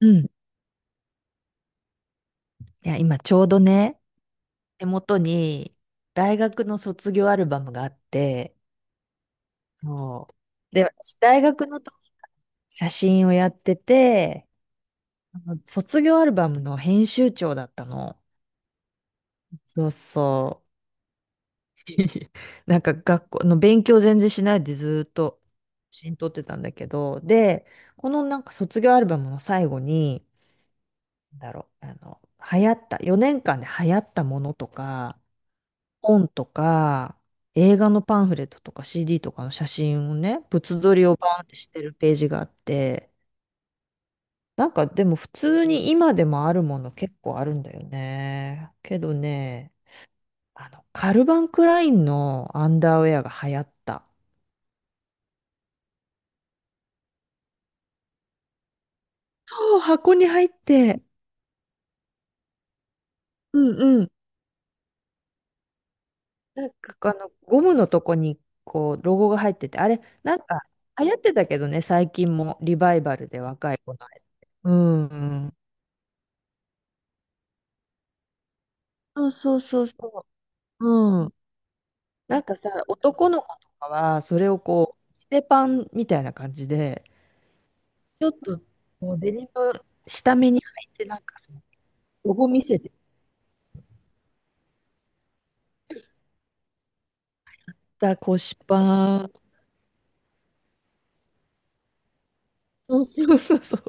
うん。いや、今ちょうどね、手元に大学の卒業アルバムがあって、そう。で、私大学の時写真をやってて、あの卒業アルバムの編集長だったの。そうそう。なんか学校の勉強全然しないでずーっと写真撮ってたんだけど、で、このなんか卒業アルバムの最後に、なんだろう、あの、流行った、4年間で流行ったものとか、本とか、映画のパンフレットとか CD とかの写真をね、物撮りをバーンってしてるページがあって、なんかでも普通に今でもあるもの結構あるんだよね。けどね、あの、カルバンクラインのアンダーウェアが流行った。そう、箱に入って、うんうん。ゴムのとこにこう、ロゴが入ってて、あれ、なんか流行ってたけどね、最近もリバイバルで若い子のあれ。うんうん。そうそうそうそう。なんかさ、男の子とかは、それをこう、着せパンみたいな感じで、ちょっとこうデニム下目に履いて、ロゴ見せてた腰パン。そうそうそうそう。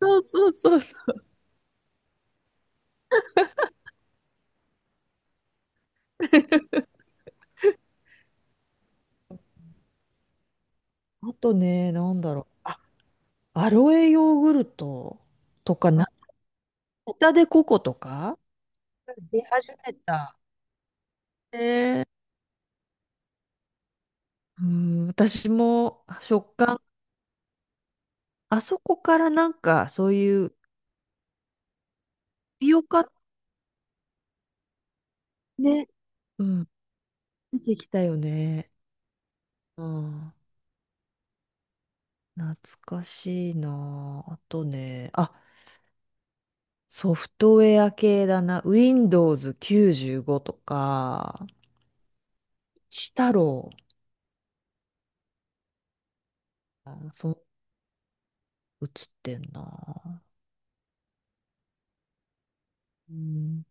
そうそうそうそう。あとね、なんだろう。あ、アロエヨーグルトとか、な、ホタデココとか出始めた。ね、うん、私も食感、あそこからなんかそういう、タピオカね、うん、出てきたよね。うん。懐かしいなあ。あとね、あ、ソフトウェア系だな。Windows 95とか、シ太郎。あ、そう、映ってんな。うん。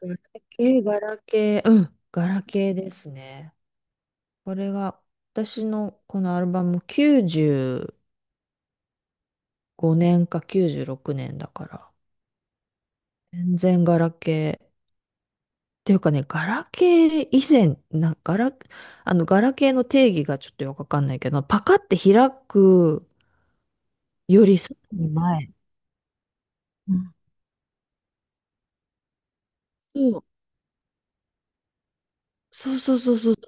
ガラケー、ガラケー。うん、ガラケーですね。これが、私のこのアルバム95年か96年だから、全然ガラケー。ていうかね、ガラケー以前、な、ガラ、あの、ガラケーの定義がちょっとよくわかんないけど、パカって開くよりさらに前。うん、そうそうそうそうそ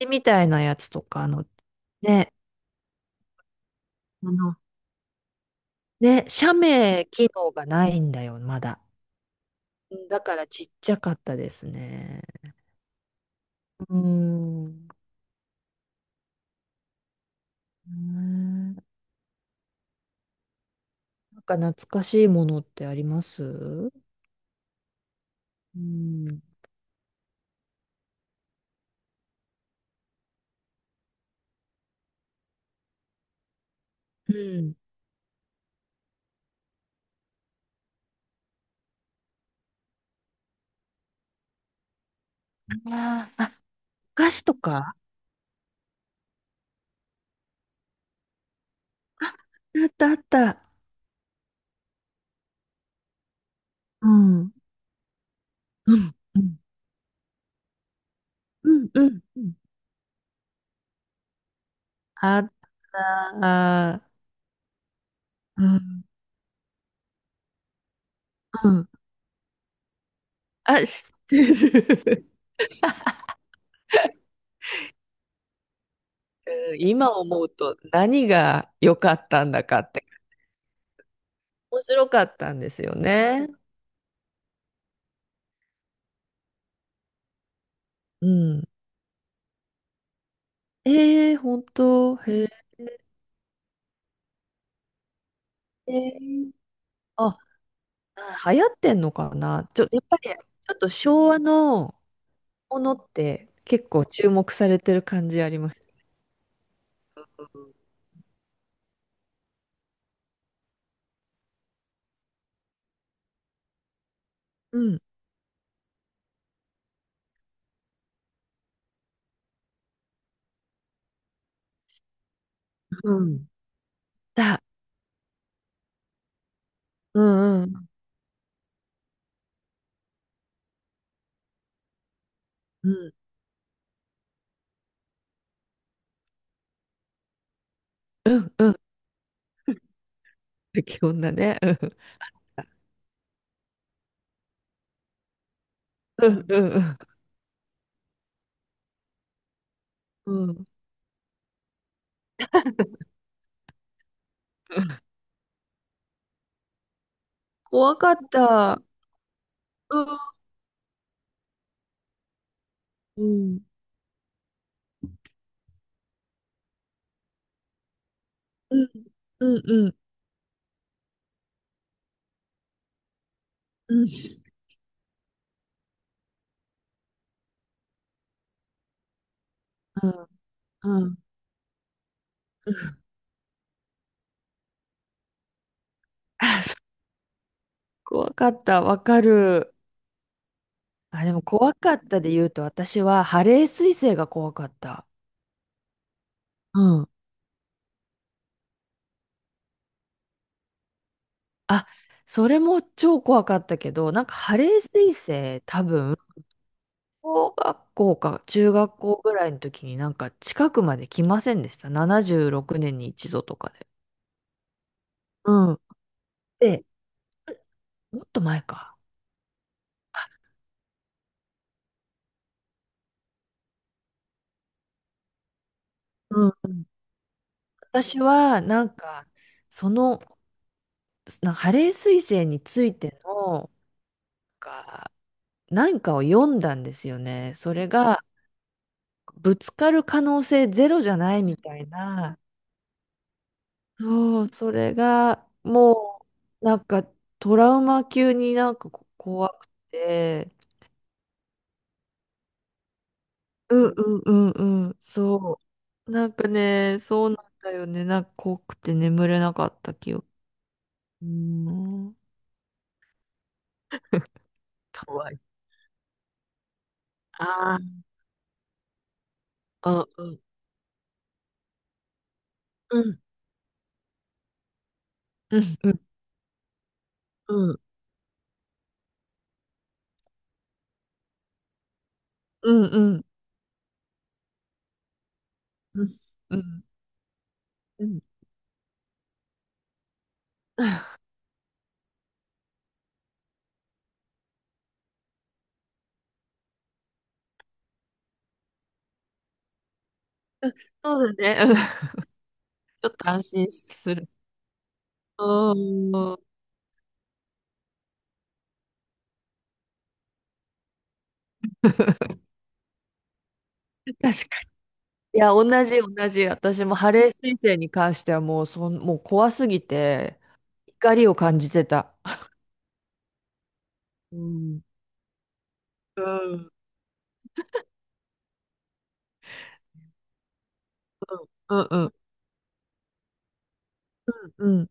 う。みたいなやつとか、あの、ね、あの、ね、写メ機能がないんだよ、まだ。うん、だからちっちゃかったですね。うん。うん、なんか懐かしいものってあります？うん。うん。あーあ、お菓子とか。あったあった。うん。うん。うん。うんうん。うん、あった。うん。うん。あ、知ってる。うん、今思うと何が良かったんだかって面白かったんですよね。うん。ええ、本当。へえ。えー、あ、流行ってんのかな。ちょ、やっぱりちょっと昭和のものって結構注目されてる感じあります。うん。うん。だ。うんうん。うん。うんうん、基本だね。うん。うんうんうん。うん。怖かった。うん。うん。うんうん。うん。うん。うん。あそ怖かった。わかる。あ、でも怖かったで言うと、私はハレー彗星が怖かった。うん。あ、それも超怖かったけど、なんかハレー彗星多分、小学校か中学校ぐらいの時になんか近くまで来ませんでした？76年に一度とかで。うん。で、もっと前か。うんうん、私は、その、なんかハレー彗星についての、か、なんかを読んだんですよね。それが、ぶつかる可能性ゼロじゃないみたいな。そう、それが、もう、なんか、トラウマ級になんかこ怖くて、うんうんうんうん、そう。なんかね、そうなんだよね。なんか怖くて眠れなかった記憶。うん。怖い。あ、ああ、うん、うん、うん、うん、うん、うん、うん、うん、うん、うん。そうだね。うん。ちょっと安心する。うん。確かに。いや、同じ、同じ。私もハレー彗星に関してはもう、そん、もう怖すぎて、怒りを感じてた。うん。うん。うん。うん。うん。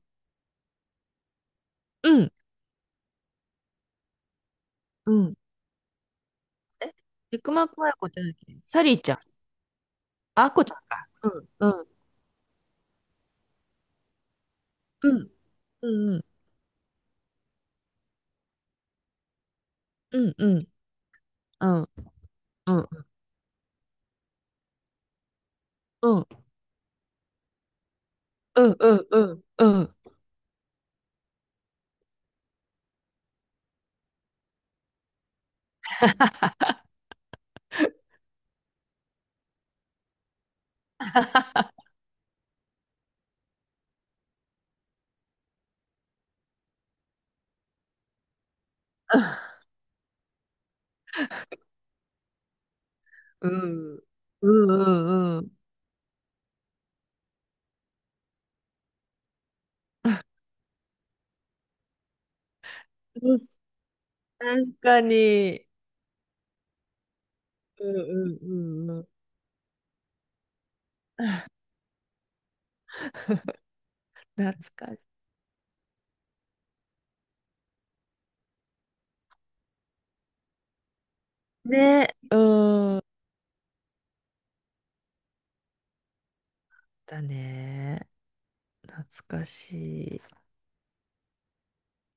うん。うん。うん。え、テクマクアヤコっゃ何？サリーちゃん。あ、アコちゃんか。うん。うん。うん。うん。うん。うん。うん。うん。うん。うん。うんうんうんうん。うんうんうんうん。確かに。うんうんうんうん。懐かしい。ね。うん。だね。懐かしい。